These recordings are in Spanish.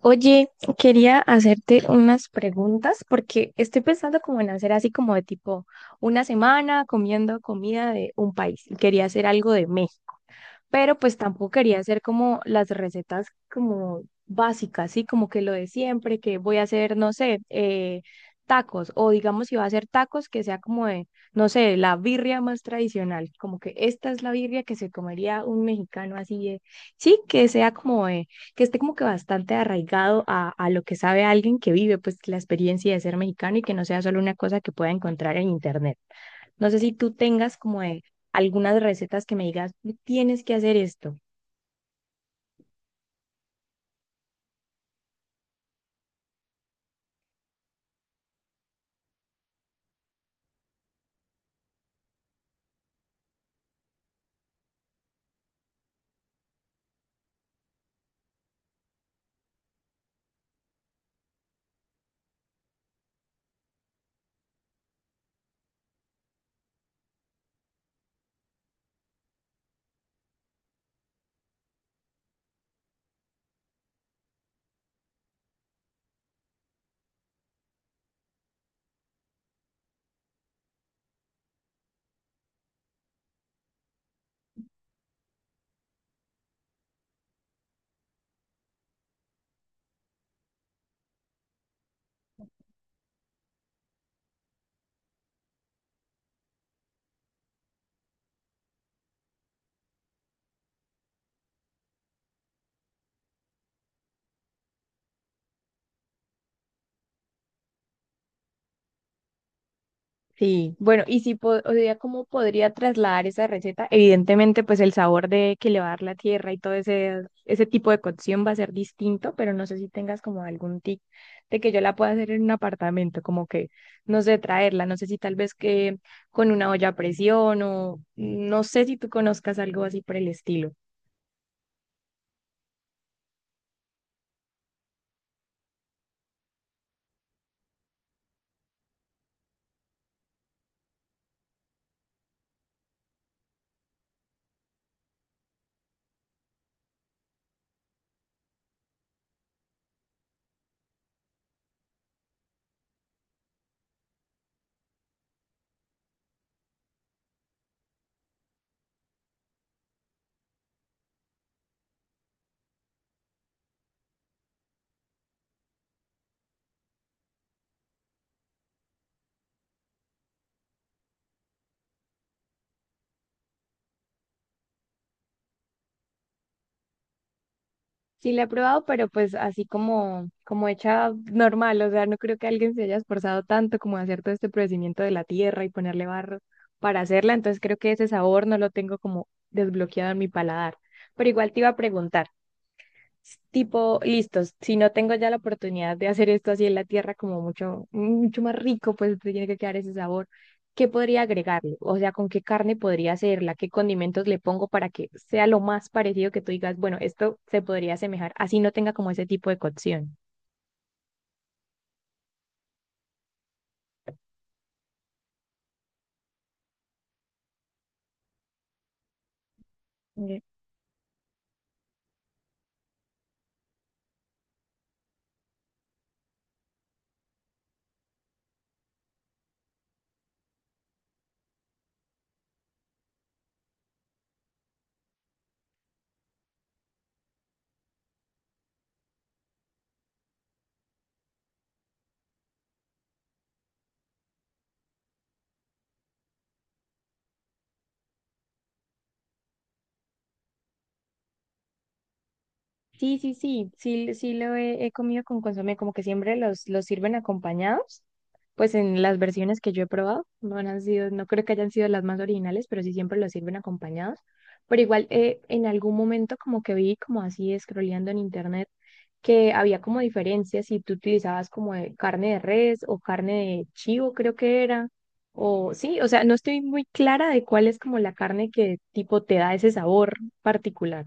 Oye, quería hacerte unas preguntas porque estoy pensando como en hacer así como de tipo una semana comiendo comida de un país y quería hacer algo de México, pero pues tampoco quería hacer como las recetas como básicas, ¿sí? Como que lo de siempre, que voy a hacer, no sé, tacos, o digamos si va a hacer tacos, que sea como de, no sé, la birria más tradicional, como que esta es la birria que se comería un mexicano así de, sí, que sea como de, que esté como que bastante arraigado a lo que sabe alguien que vive pues la experiencia de ser mexicano y que no sea solo una cosa que pueda encontrar en internet. No sé si tú tengas como de algunas recetas que me digas, tienes que hacer esto. Sí, bueno, y si po- o sea, ¿cómo podría trasladar esa receta? Evidentemente, pues el sabor de que le va a dar la tierra y todo ese tipo de cocción va a ser distinto, pero no sé si tengas como algún tip de que yo la pueda hacer en un apartamento, como que, no sé, traerla, no sé si tal vez que con una olla a presión o no sé si tú conozcas algo así por el estilo. Sí, la he probado, pero pues así como, como hecha normal, o sea, no creo que alguien se haya esforzado tanto como a hacer todo este procedimiento de la tierra y ponerle barro para hacerla, entonces creo que ese sabor no lo tengo como desbloqueado en mi paladar. Pero igual te iba a preguntar tipo, listos, si no tengo ya la oportunidad de hacer esto así en la tierra como mucho, mucho más rico, pues tiene que quedar ese sabor. ¿Qué podría agregarle? O sea, ¿con qué carne podría hacerla? ¿Qué condimentos le pongo para que sea lo más parecido que tú digas, bueno, esto se podría asemejar, así no tenga como ese tipo de cocción? Sí, sí, sí, sí, sí lo he, he comido con consomé, como que siempre los sirven acompañados, pues en las versiones que yo he probado, no han sido, no creo que hayan sido las más originales, pero sí siempre los sirven acompañados. Pero igual en algún momento como que vi como así scrolleando en internet que había como diferencias si tú utilizabas como de carne de res o carne de chivo, creo que era, o sí, o sea, no estoy muy clara de cuál es como la carne que tipo te da ese sabor particular.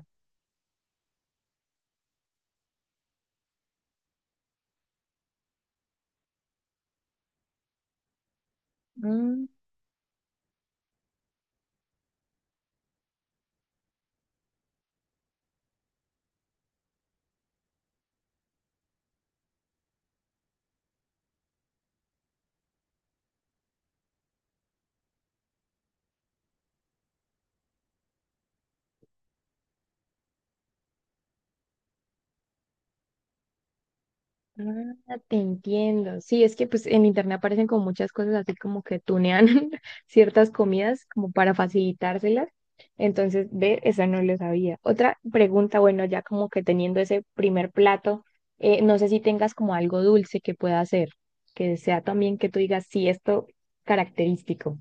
Ah, te entiendo. Sí, es que pues en internet aparecen como muchas cosas así como que tunean ciertas comidas como para facilitárselas. Entonces, ve, esa no lo sabía. Otra pregunta, bueno, ya como que teniendo ese primer plato, no sé si tengas como algo dulce que pueda hacer, que sea también que tú digas, sí, esto característico.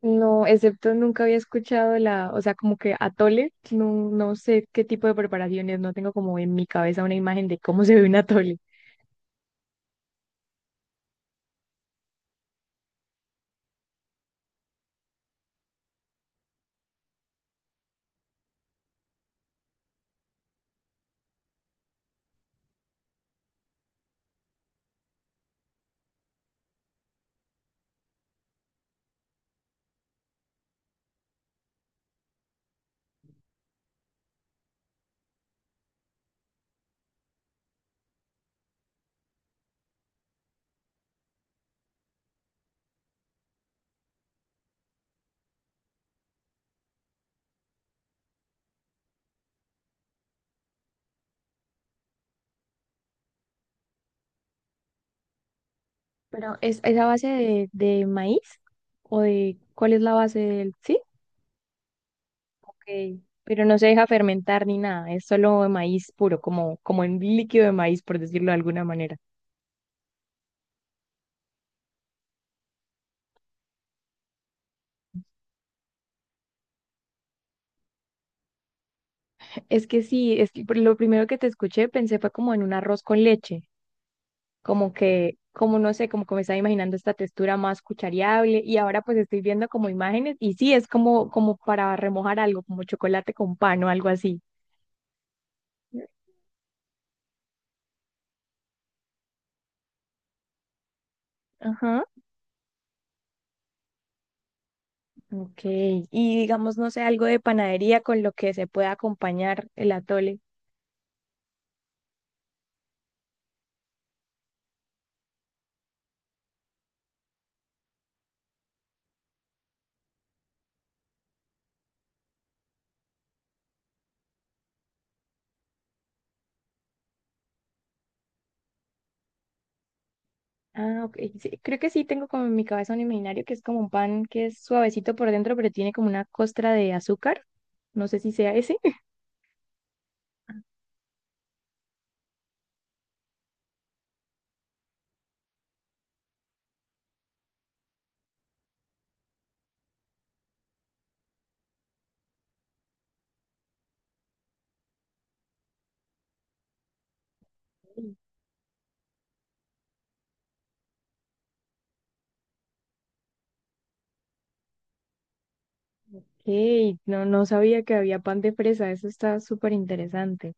No, excepto nunca había escuchado la, o sea, como que atole, no, no sé qué tipo de preparaciones, no tengo como en mi cabeza una imagen de cómo se ve un atole. Pero es a base de maíz? ¿O de cuál es la base del...? Sí, ok. Pero no se deja fermentar ni nada, es solo maíz puro, como, como en líquido de maíz, por decirlo de alguna manera. Es que sí, es que por lo primero que te escuché pensé fue como en un arroz con leche, como que, como no sé, como que me estaba imaginando esta textura más cuchareable y ahora pues estoy viendo como imágenes y sí, es como, como para remojar algo, como chocolate con pan o algo así. Ajá. Ok, y digamos, no sé, algo de panadería con lo que se pueda acompañar el atole. Ah, ok, sí, creo que sí tengo como en mi cabeza un imaginario que es como un pan que es suavecito por dentro, pero tiene como una costra de azúcar. No sé si sea ese. Hey, no, no sabía que había pan de fresa, eso está súper interesante.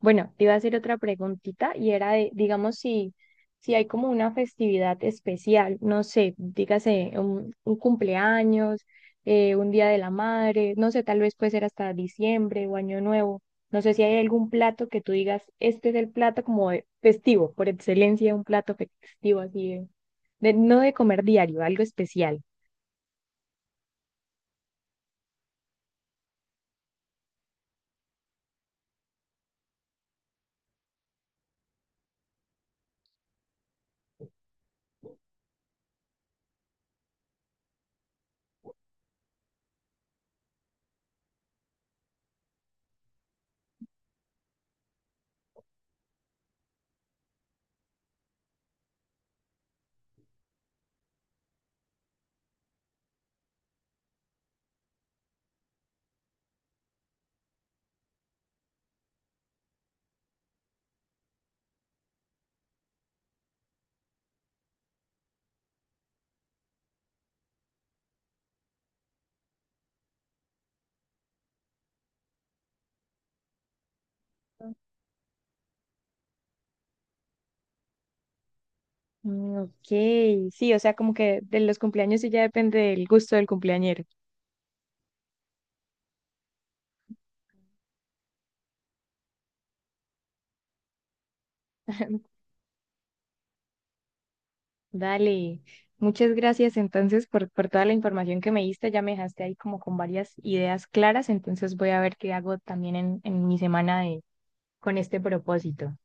Bueno, te iba a hacer otra preguntita y era de, digamos, si, si hay como una festividad especial, no sé, dígase un cumpleaños, un día de la madre, no sé, tal vez puede ser hasta diciembre o año nuevo. No sé si hay algún plato que tú digas, este es el plato como de festivo, por excelencia, un plato festivo así de- no de comer diario, algo especial. Mm, ok, sí, o sea, como que de los cumpleaños sí ya depende del gusto del cumpleañero. Dale, muchas gracias entonces por toda la información que me diste, ya me dejaste ahí como con varias ideas claras, entonces voy a ver qué hago también en mi semana de, con este propósito.